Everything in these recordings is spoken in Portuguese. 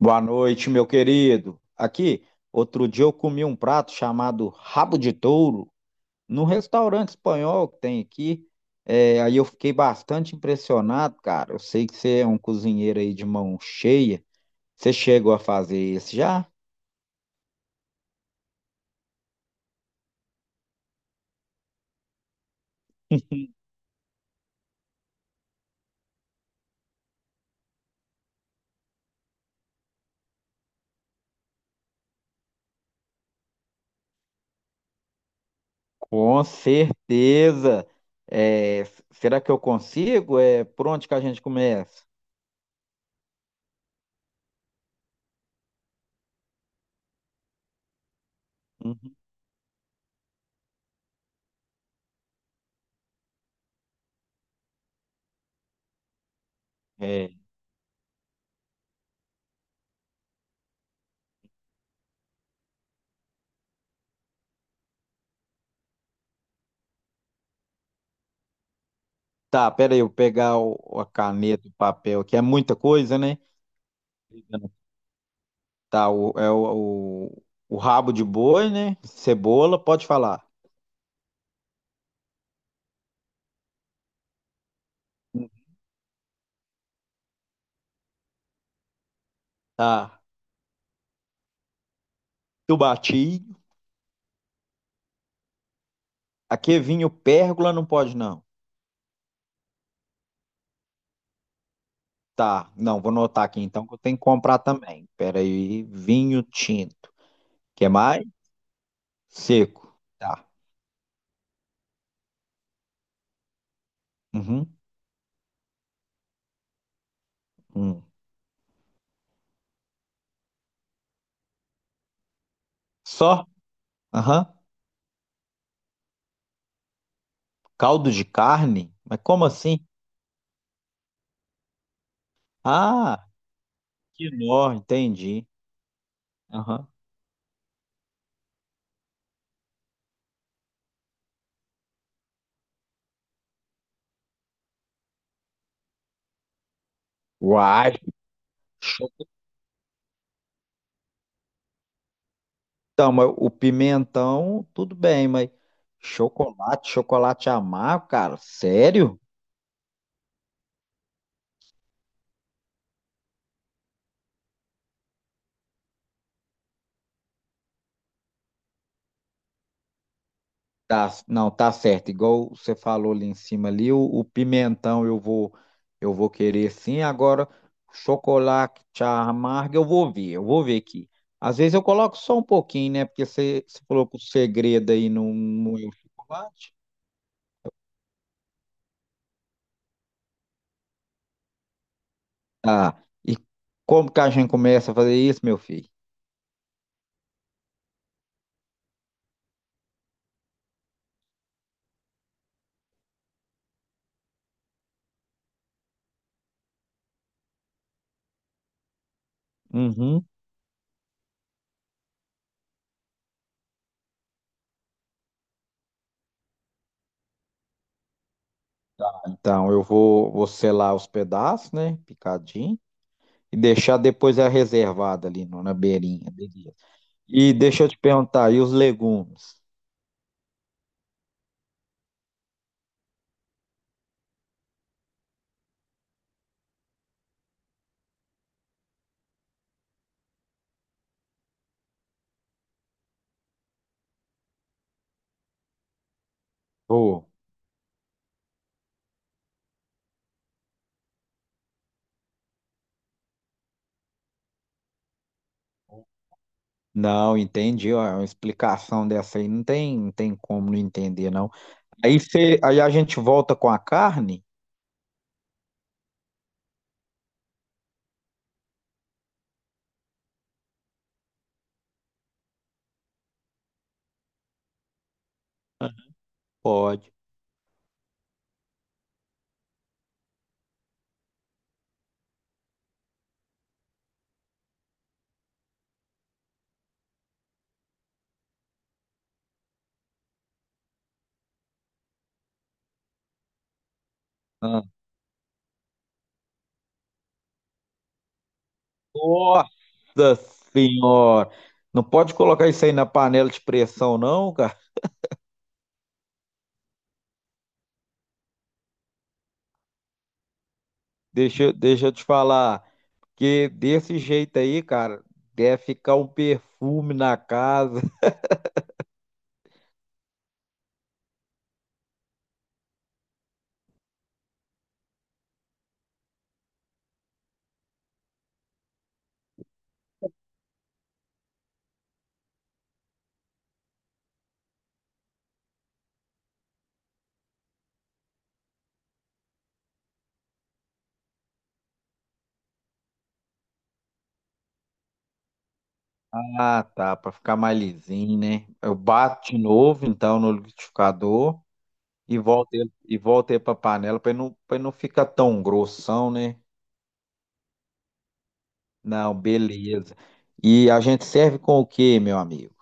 Boa noite, meu querido. Aqui, outro dia eu comi um prato chamado rabo de touro num restaurante espanhol que tem aqui. É, aí eu fiquei bastante impressionado, cara. Eu sei que você é um cozinheiro aí de mão cheia. Você chegou a fazer isso já? Com certeza. É, será que eu consigo? É, por onde que a gente começa? Uhum. É. Tá, pera aí, eu pegar a caneta e o papel, que é muita coisa, né? Tá, o, é o rabo de boi, né? Cebola, pode falar. Tá, chubatinho. Aqui vinho pérgola não pode não. Tá, não, vou anotar aqui então que eu tenho que comprar também. Pera aí, vinho tinto. Quer mais? Seco. Tá. Uhum. Hum. Só? Aham. Caldo de carne? Mas como assim? Ah, quinó, entendi. Aham. Uai. Então, mas o pimentão, tudo bem, mas chocolate, chocolate amargo, cara, sério? Tá, não, tá certo. Igual você falou ali em cima ali, o pimentão eu vou querer sim. Agora, chocolate amargo eu vou ver aqui. Às vezes eu coloco só um pouquinho, né? Porque você falou que o segredo aí não, não é o chocolate. Tá. E como que a gente começa a fazer isso, meu filho? Uhum. Então, vou selar os pedaços, né? Picadinho. E deixar depois a reservada ali na beirinha. Beleza. E deixa eu te perguntar, e os legumes? Vou. Não, entendi. Ó, é uma explicação dessa aí não tem, não tem como não entender, não. Aí, cê, aí a gente volta com a carne? Pode. Ah. Nossa senhora! Não pode colocar isso aí na panela de pressão, não, cara. Deixa, deixa eu te falar. Que desse jeito aí, cara, deve ficar um perfume na casa. Ah, tá, pra ficar mais lisinho, né? Eu bato de novo, então, no liquidificador e volto ele pra panela pra ele não ficar tão grossão, né? Não, beleza. E a gente serve com o quê, meu amigo?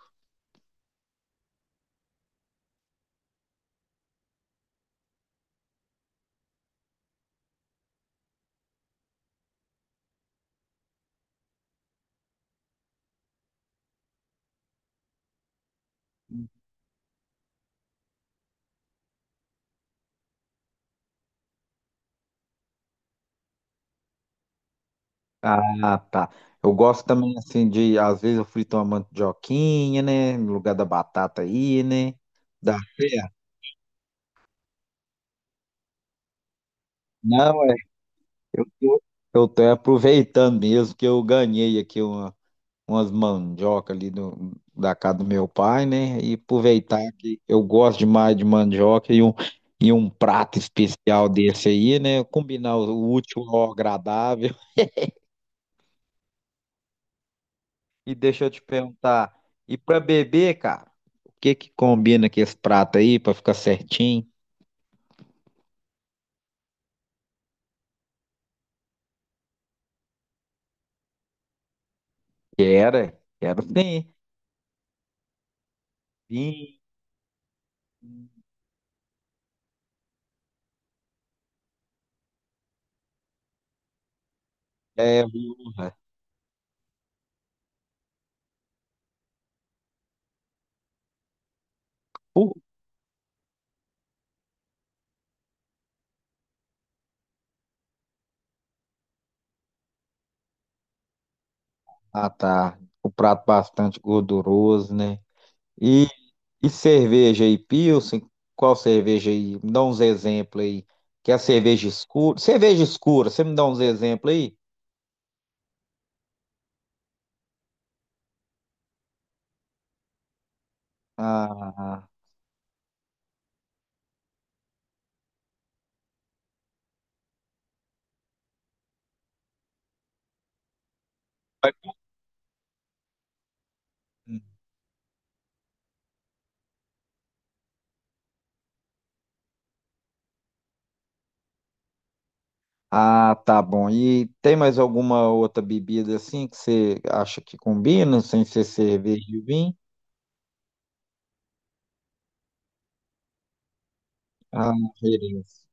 Ah, tá. Eu gosto também, assim, de, às vezes eu frito uma mandioquinha, né? No lugar da batata aí, né? Dá certo. Não, é, eu tô, eu tô aproveitando mesmo que eu ganhei aqui uma, umas mandioca ali da casa do meu pai, né? E aproveitar que eu gosto demais de mandioca e um prato especial desse aí, né? Combinar o útil ao agradável. E deixa eu te perguntar, e pra beber, cara, o que que combina com esse prato aí pra ficar certinho? Quero, quero sim. Vinho, é, porra. Ah, tá. O prato bastante gorduroso, né? E, e cerveja aí, Pilsen? Qual cerveja aí? Me dá uns exemplos aí. Que é cerveja escura? Cerveja escura, você me dá uns exemplos aí? Ah, ah, ah, tá bom. E tem mais alguma outra bebida assim que você acha que combina, sem ser cerveja e vinho? Ah, Jerez.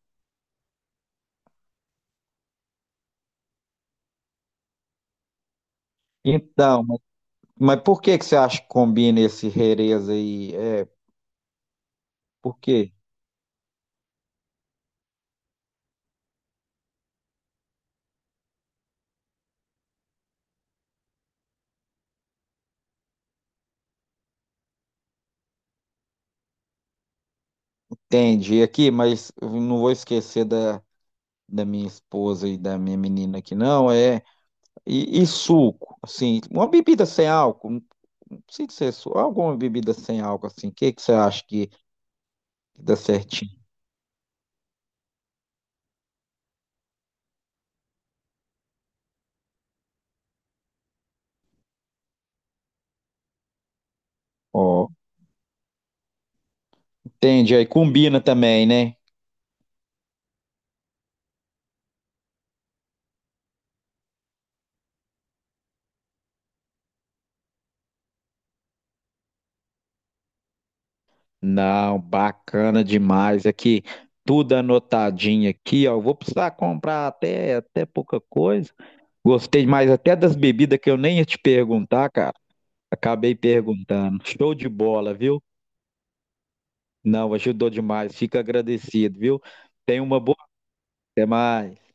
Então, mas por que que você acha que combina esse Jerez aí? É, por quê? Entendi aqui, mas eu não vou esquecer da minha esposa e da minha menina aqui, não. É, e suco, assim, uma bebida sem álcool, não precisa ser suco, alguma bebida sem álcool, assim, o que que você acha que dá certinho? Ó, entendi, aí combina também, né? Não, bacana demais aqui, tudo anotadinho aqui, ó. Eu vou precisar comprar até, até pouca coisa. Gostei mais até das bebidas que eu nem ia te perguntar, cara. Acabei perguntando. Show de bola, viu? Não, ajudou demais. Fico agradecido, viu? Tenha uma boa. Até mais.